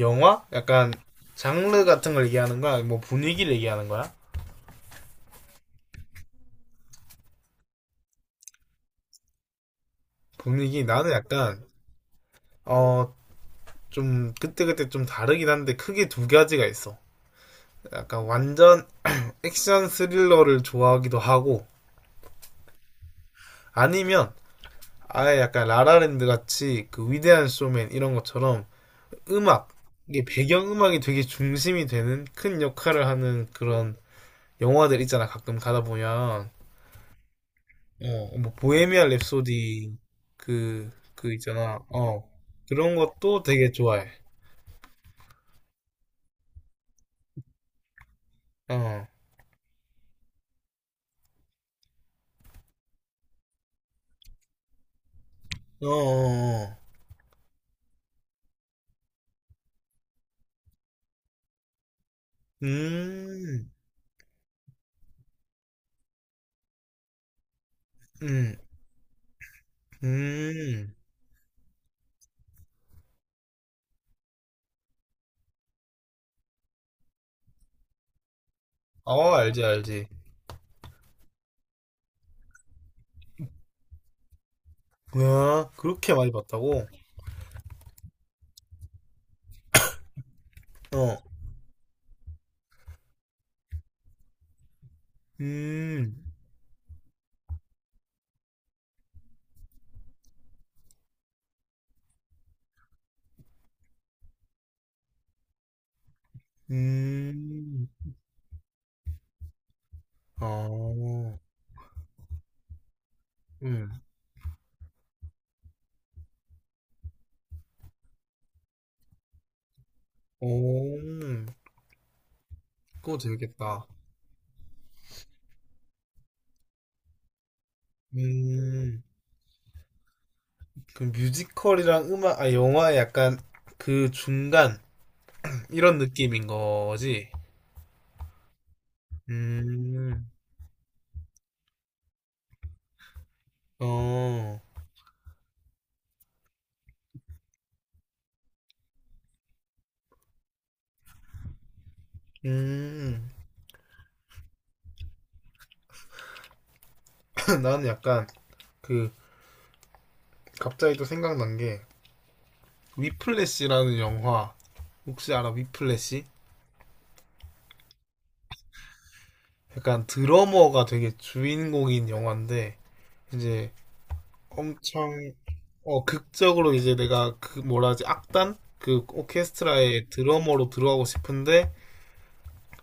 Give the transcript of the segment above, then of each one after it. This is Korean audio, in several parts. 영화? 약간 장르 같은 걸 얘기하는 거야? 뭐 분위기를 얘기하는 거야? 분위기 나는 약간 어 좀 그때그때 좀 다르긴 한데 크게 두 가지가 있어. 약간 완전 액션 스릴러를 좋아하기도 하고 아니면 아예 약간 라라랜드 같이 그 위대한 쇼맨 이런 것처럼 음악 이게 배경음악이 되게 중심이 되는 큰 역할을 하는 그런 영화들 있잖아 가끔 가다 보면. 어, 뭐 보헤미안 랩소디 그 있잖아. 어. 그런 것도 되게 좋아해. 어. 어. 어, 어. 음. 음. 음. 어, 알지, 알지. 뭐야? 그렇게 많이 봤다고? 어. 음. 음. 어. 음. 오. 그거 재밌겠다. 음. 그 뮤지컬이랑 영화의 약간 그 중간 이런 느낌인 거지. 음, 어, 음. 나는 약간 그 갑자기 또 생각난 게 위플래시라는 영화 혹시 알아? 위플래시? 약간 드러머가 되게 주인공인 영화인데 이제 엄청 극적으로 이제 내가 그 뭐라 하지 악단 그 오케스트라의 드러머로 들어가고 싶은데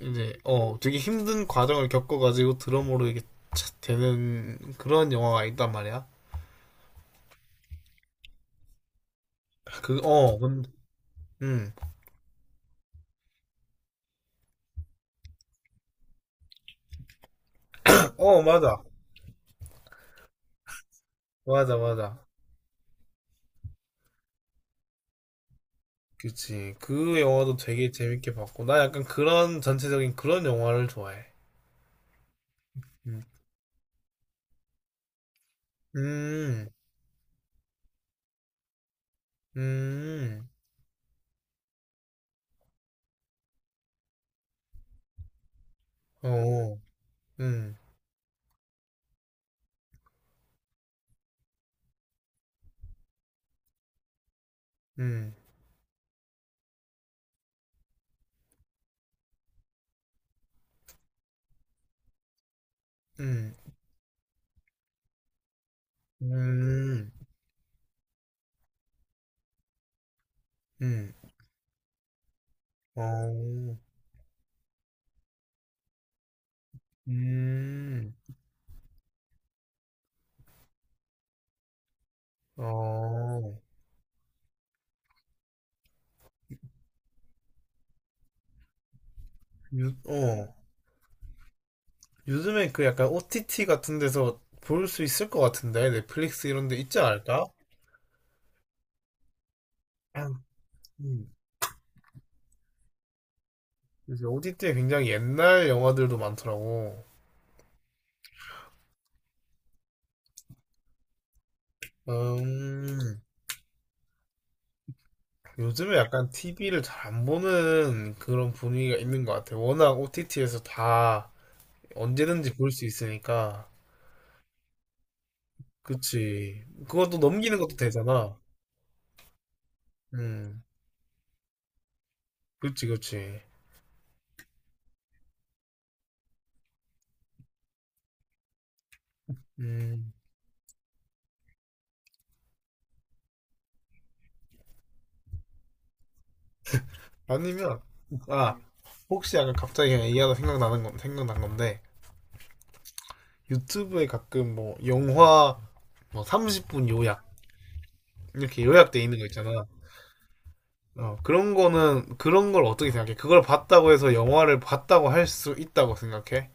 이제 되게 힘든 과정을 겪어가지고 드러머로 이게 착 되는 그런 영화가 있단 말이야. 그 어 근데 음. 어, 맞아. 맞아, 맞아. 그치. 그 영화도 되게 재밌게 봤고. 나 약간 그런, 전체적인 그런 영화를 좋아해. 음, 음, 음, 어, 음, 음, 음, 음, 음, 어, 음, 어, 유, 어. 요즘에 그 약간 OTT 같은 데서 볼 수 있을 것 같은데. 넷플릭스 이런 데 있지 않을까? 아, 음, 요새 OTT에 굉장히 옛날 영화들도 많더라고. 음, 요즘에 약간 TV를 잘 안 보는 그런 분위기가 있는 것 같아. 워낙 OTT에서 다 언제든지 볼 수 있으니까. 그치. 그것도 넘기는 것도 되잖아. 음, 그치, 그치. 음, 아니면, 아, 혹시 약간 갑자기 그냥 얘기하다 생각난 건데, 유튜브에 가끔 뭐, 영화, 뭐, 30분 요약, 이렇게 요약돼 있는 거 있잖아. 그런 걸 어떻게 생각해? 그걸 봤다고 해서 영화를 봤다고 할 수 있다고 생각해?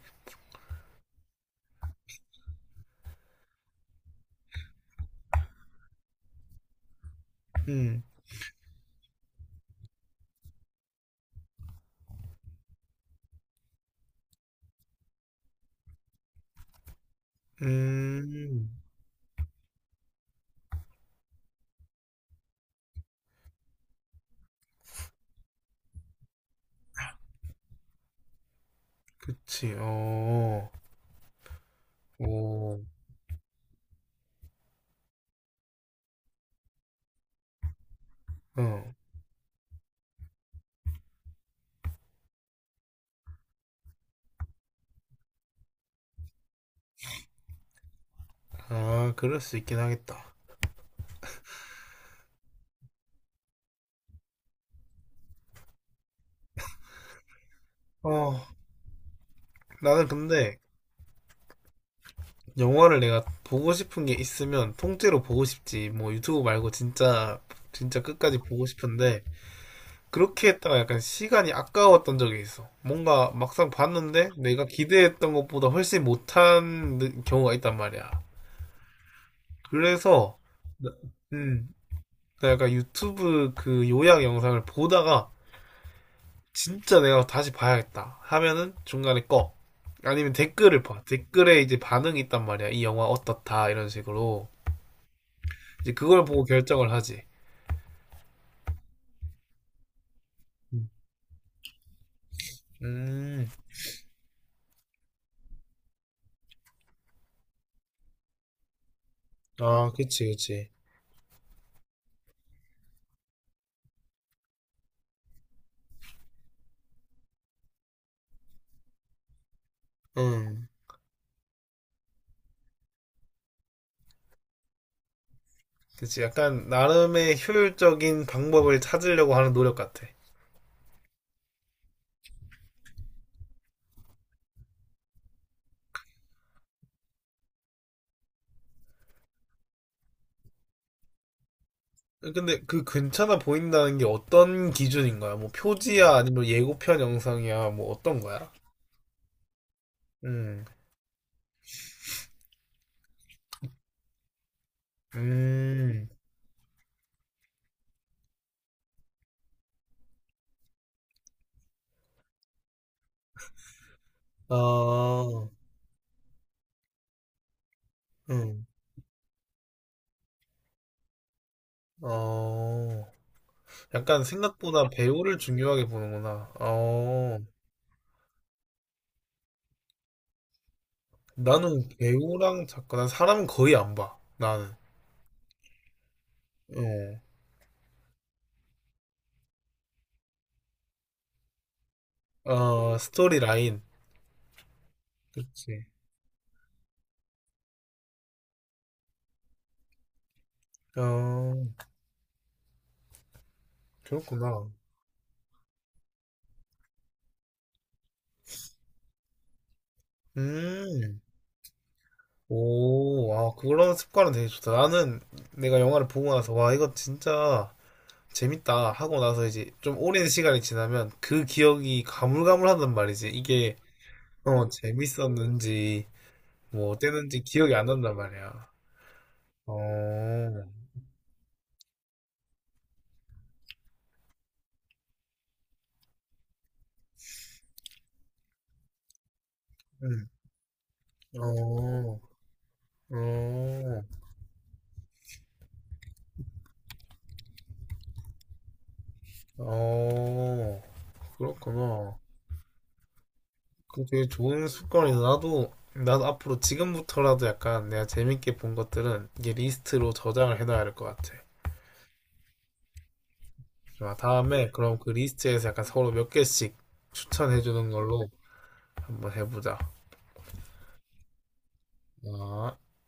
음. 음, 그치, 어, 오, 어, 아, 그럴 수 있긴 하겠다. 어, 나는 근데 영화를 내가 보고 싶은 게 있으면 통째로 보고 싶지. 진짜 끝까지 보고 싶은데, 그렇게 했다가 약간 시간이 아까웠던 적이 있어. 뭔가 막상 봤는데 내가 기대했던 것보다 훨씬 못한 경우가 있단 말이야. 그래서, 나- 음, 나 약간 유튜브 그 요약 영상을 보다가 진짜 내가 다시 봐야겠다 하면은 중간에 꺼. 아니면 댓글을 봐. 댓글에 이제 반응이 있단 말이야. 이 영화 어떻다 이런 식으로 이제 그걸 보고 결정을 하지. 음, 아, 그치, 그치. 음, 그치. 약간 나름의 효율적인 방법을 찾으려고 하는 노력 같아. 근데 그 괜찮아 보인다는 게 어떤 기준인 거야? 뭐 표지야 아니면 예고편 영상이야 뭐 어떤 거야? 음, 음, 아, 음, 어. 약간 생각보다 배우를 중요하게 보는구나. 어, 나는 배우랑 작가, 난 사람은 거의 안 봐. 나는. 어, 어, 스토리 라인. 그렇지. 어, 그렇구나. 음, 오, 아, 그런 습관은 되게 좋다. 나는 내가 영화를 보고 나서, 와, 이거 진짜 재밌다 하고 나서 이제 좀 오랜 시간이 지나면 그 기억이 가물가물하단 말이지. 이게, 어, 재밌었는지, 뭐, 어땠는지 기억이 안 난단 말이야. 어, 음. 어. 어. 어. 그렇구나. 그 되게 좋은 습관이다. 나도 나도 앞으로 지금부터라도 약간 내가 재밌게 본 것들은 이게 리스트로 저장을 해놔야 할 것 같아. 자, 다음에 그럼 그 리스트에서 약간 서로 몇 개씩 추천해 주는 걸로 한번 해보자. 아.